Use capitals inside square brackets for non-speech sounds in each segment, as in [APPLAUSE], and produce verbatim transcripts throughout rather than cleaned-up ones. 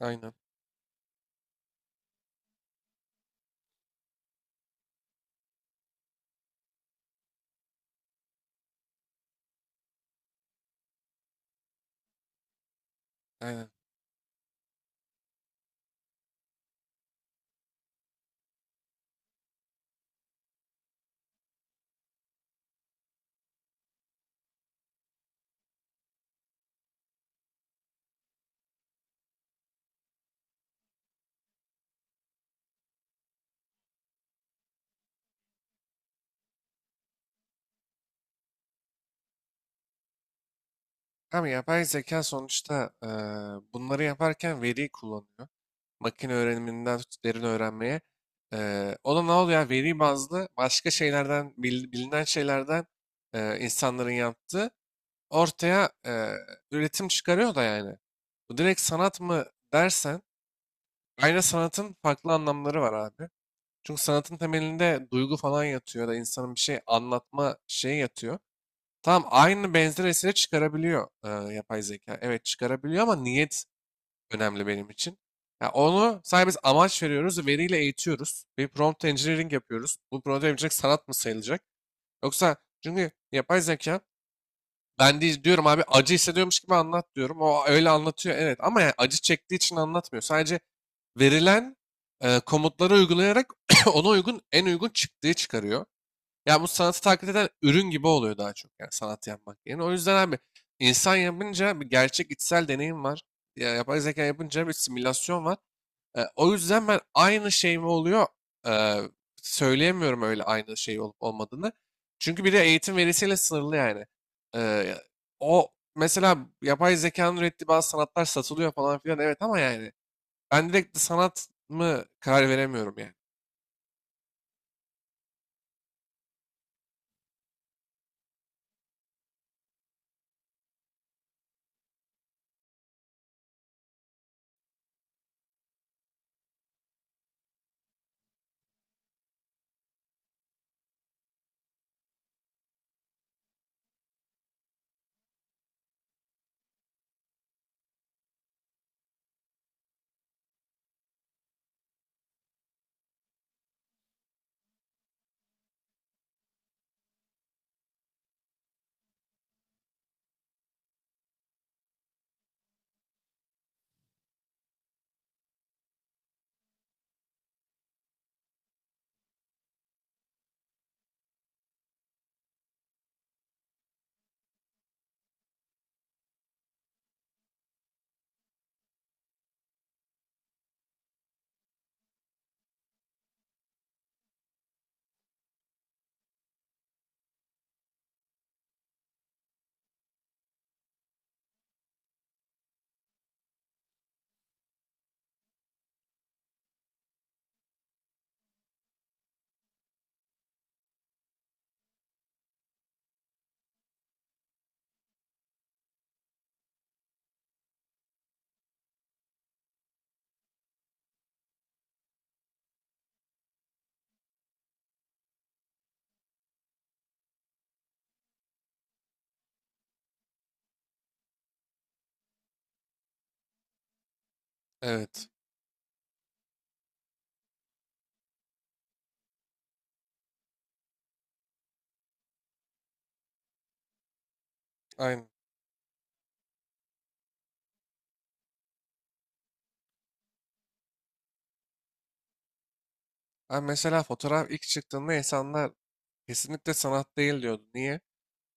Aynen. Aynen. Ama yapay zeka sonuçta eee, bunları yaparken veriyi kullanıyor. Makine öğreniminden tut derin öğrenmeye. Eee o da ne oluyor? Yani veri bazlı başka şeylerden, bil- bilinen şeylerden eee, insanların yaptığı ortaya eee, üretim çıkarıyor da yani. Bu direkt sanat mı dersen, aynı sanatın farklı anlamları var abi. Çünkü sanatın temelinde duygu falan yatıyor ya da insanın bir şey anlatma şeyi yatıyor. Tamam aynı benzer eseri çıkarabiliyor e, yapay zeka. Evet çıkarabiliyor ama niyet önemli benim için. Ya onu sadece biz amaç veriyoruz, veriyle eğitiyoruz. Bir prompt engineering yapıyoruz. Bu prompt engineering sanat mı sayılacak? Yoksa, çünkü yapay zeka ben de diyorum abi acı hissediyormuş gibi anlat diyorum. O öyle anlatıyor, evet, ama yani acı çektiği için anlatmıyor. Sadece verilen e, komutları uygulayarak [CLEARS THROAT] ona uygun en uygun çıktığı çıkarıyor. Ya bu sanatı taklit eden ürün gibi oluyor daha çok yani sanat yapmak yerine. O yüzden abi insan yapınca bir gerçek içsel deneyim var. Ya, yapay zeka yapınca bir simülasyon var. E, o yüzden ben aynı şey mi oluyor e, söyleyemiyorum öyle aynı şey olup olmadığını. Çünkü bir de eğitim verisiyle sınırlı yani. E, O mesela yapay zekanın ürettiği bazı sanatlar satılıyor falan filan, evet, ama yani ben direkt sanat mı karar veremiyorum yani. Evet. Aynen. Ben mesela fotoğraf ilk çıktığında insanlar kesinlikle sanat değil diyordu. Niye?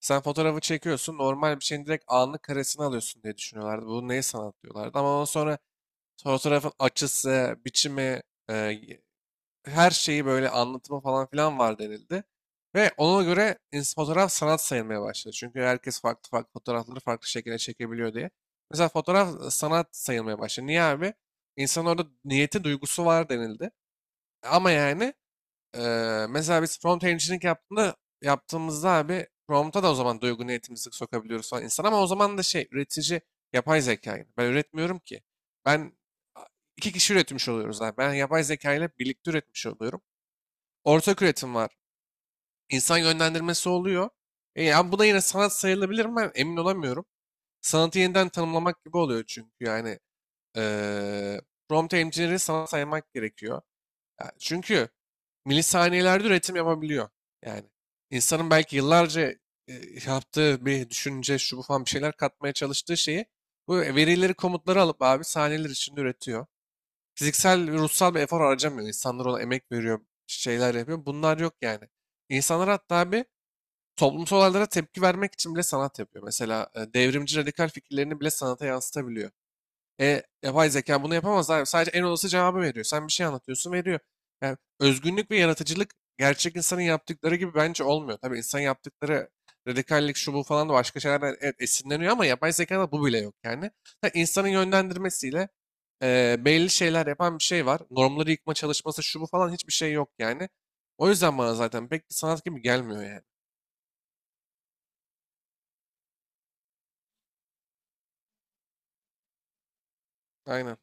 Sen fotoğrafı çekiyorsun, normal bir şeyin direkt anlık karesini alıyorsun diye düşünüyorlardı. Bu neye sanat diyorlardı. Ama ondan sonra fotoğrafın açısı, biçimi, e, y- her şeyi böyle anlatımı falan filan var denildi. Ve ona göre ins- fotoğraf sanat sayılmaya başladı. Çünkü herkes farklı farklı fotoğrafları farklı şekilde çekebiliyor diye. Mesela fotoğraf e, sanat sayılmaya başladı. Niye abi? İnsanın orada niyeti, duygusu var denildi. Ama yani Eee, mesela biz prompt engineering yaptığında, yaptığımızda abi prompt'a da o zaman duygu niyetimizi sokabiliyoruz falan insan, ama o zaman da şey, üretici yapay zeka yani. Ben üretmiyorum ki. Ben iki kişi üretmiş oluyoruz abi. Ben yapay zeka ile birlikte üretmiş oluyorum. Ortak üretim var. İnsan yönlendirmesi oluyor. E, ya bu da yine sanat sayılabilir mi? Ben emin olamıyorum. Sanatı yeniden tanımlamak gibi oluyor çünkü yani eee prompt engineer'i sanat saymak gerekiyor. Ya çünkü milisaniyelerde üretim yapabiliyor. Yani insanın belki yıllarca e, yaptığı bir düşünce, şu bu falan bir şeyler katmaya çalıştığı şeyi, bu verileri, komutları alıp abi saniyeler içinde üretiyor. Fiziksel ve ruhsal bir efor harcamıyor. İnsanlar ona emek veriyor, şeyler yapıyor. Bunlar yok yani. İnsanlar hatta abi toplumsal olaylara tepki vermek için bile sanat yapıyor. Mesela e, devrimci radikal fikirlerini bile sanata yansıtabiliyor. E, yapay zeka bunu yapamaz abi. Sadece en olası cevabı veriyor. Sen bir şey anlatıyorsun, veriyor. Yani özgünlük ve yaratıcılık gerçek insanın yaptıkları gibi bence olmuyor. Tabii insan yaptıkları radikallik şu bu falan da başka şeylerden, evet, esinleniyor, ama yapay zekada bu bile yok yani. Ha, insanın yönlendirmesiyle e, belli şeyler yapan bir şey var. Normları yıkma çalışması şu bu falan hiçbir şey yok yani. O yüzden bana zaten pek bir sanat gibi gelmiyor yani. Aynen.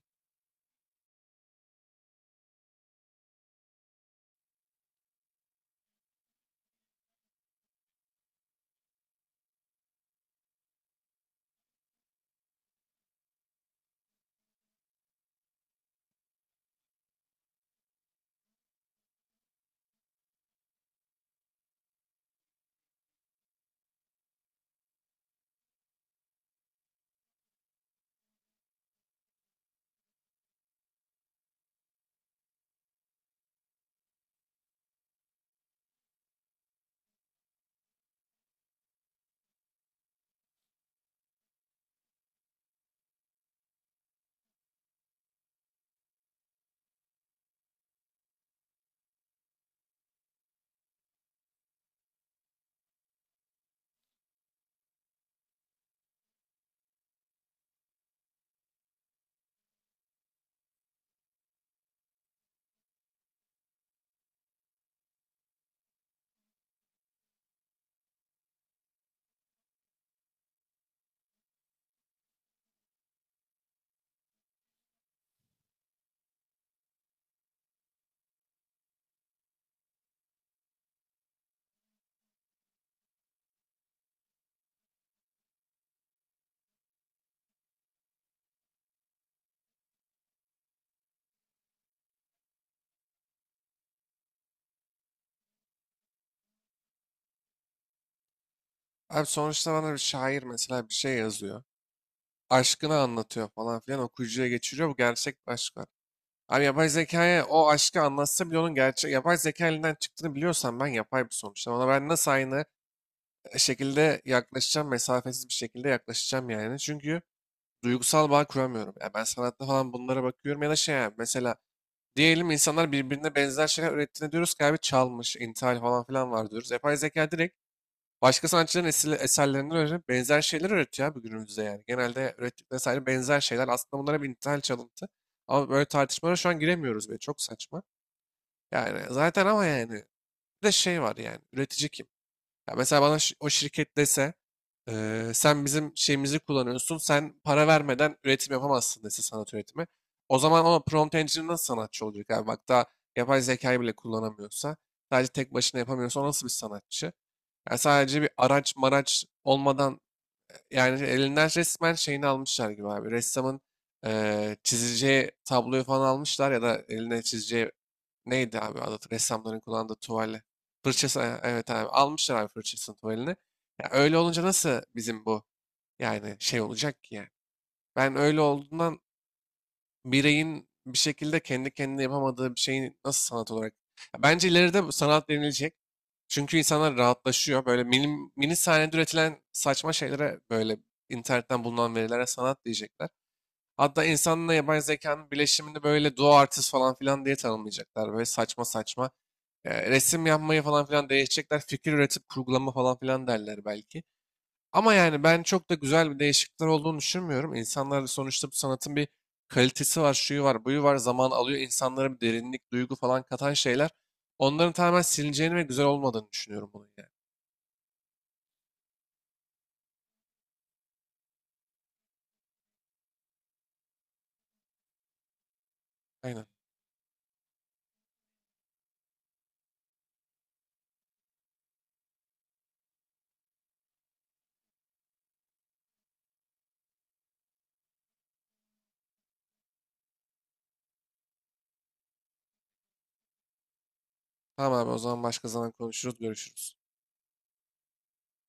Abi sonuçta bana bir şair mesela bir şey yazıyor, aşkını anlatıyor falan filan, okuyucuya geçiriyor. Bu gerçek bir aşk var. Abi yapay zekaya o aşkı anlatsa bile onun gerçek yapay zeka elinden çıktığını biliyorsam ben, yapay bir sonuçta. Ona ben nasıl aynı şekilde yaklaşacağım, mesafesiz bir şekilde yaklaşacağım yani. Çünkü duygusal bağ kuramıyorum. Ya ben sanatta falan bunlara bakıyorum ya da şey yani, mesela diyelim insanlar birbirine benzer şeyler ürettiğini diyoruz ki abi çalmış, intihal falan filan var diyoruz. Yapay zeka direkt başka sanatçıların eser- eserlerinden öğrenip benzer şeyler üretiyor abi günümüzde yani. Genelde ürettikleri sadece benzer şeyler. Aslında bunlara bir nitel çalıntı. Ama böyle tartışmalara şu an giremiyoruz bile. Çok saçma. Yani zaten ama yani bir de şey var yani. Üretici kim? Ya mesela bana şi- o şirket dese, "Ee, sen bizim şeyimizi kullanıyorsun. Sen para vermeden üretim yapamazsın" dese sanat üretimi. O zaman ama prompt engineer nasıl sanatçı olacak abi? Bak daha yapay zekayı bile kullanamıyorsa, sadece tek başına yapamıyorsa, o nasıl bir sanatçı? Ya sadece bir araç maraç olmadan, yani elinden resmen şeyini almışlar gibi abi. Ressamın eee çizeceği tabloyu falan almışlar ya da eline çizeceği neydi abi adı, ressamların kullandığı tuvali. Fırçası, e, evet abi, almışlar abi fırçasını, tuvalini. Ya öyle olunca nasıl bizim bu, yani şey olacak ki yani. Ben öyle olduğundan bireyin bir şekilde kendi kendine yapamadığı bir şeyi nasıl sanat olarak... Ya bence ileride bu sanat denilecek. Çünkü insanlar rahatlaşıyor. Böyle mini, mini saniyede üretilen saçma şeylere, böyle internetten bulunan verilere sanat diyecekler. Hatta insanla yapay zekanın birleşimini böyle duo artist falan filan diye tanımlayacaklar. Böyle saçma saçma e, resim yapmayı falan filan değişecekler. Fikir üretip kurgulama falan filan derler belki. Ama yani ben çok da güzel bir değişiklikler olduğunu düşünmüyorum. İnsanlar sonuçta bu sanatın bir kalitesi var, şuyu var, buyu var. Zaman alıyor. İnsanlara bir derinlik, duygu falan katan şeyler. Onların tamamen silineceğini ve güzel olmadığını düşünüyorum bunun yani. Aynen. Tamam abi, o zaman başka zaman konuşuruz, görüşürüz.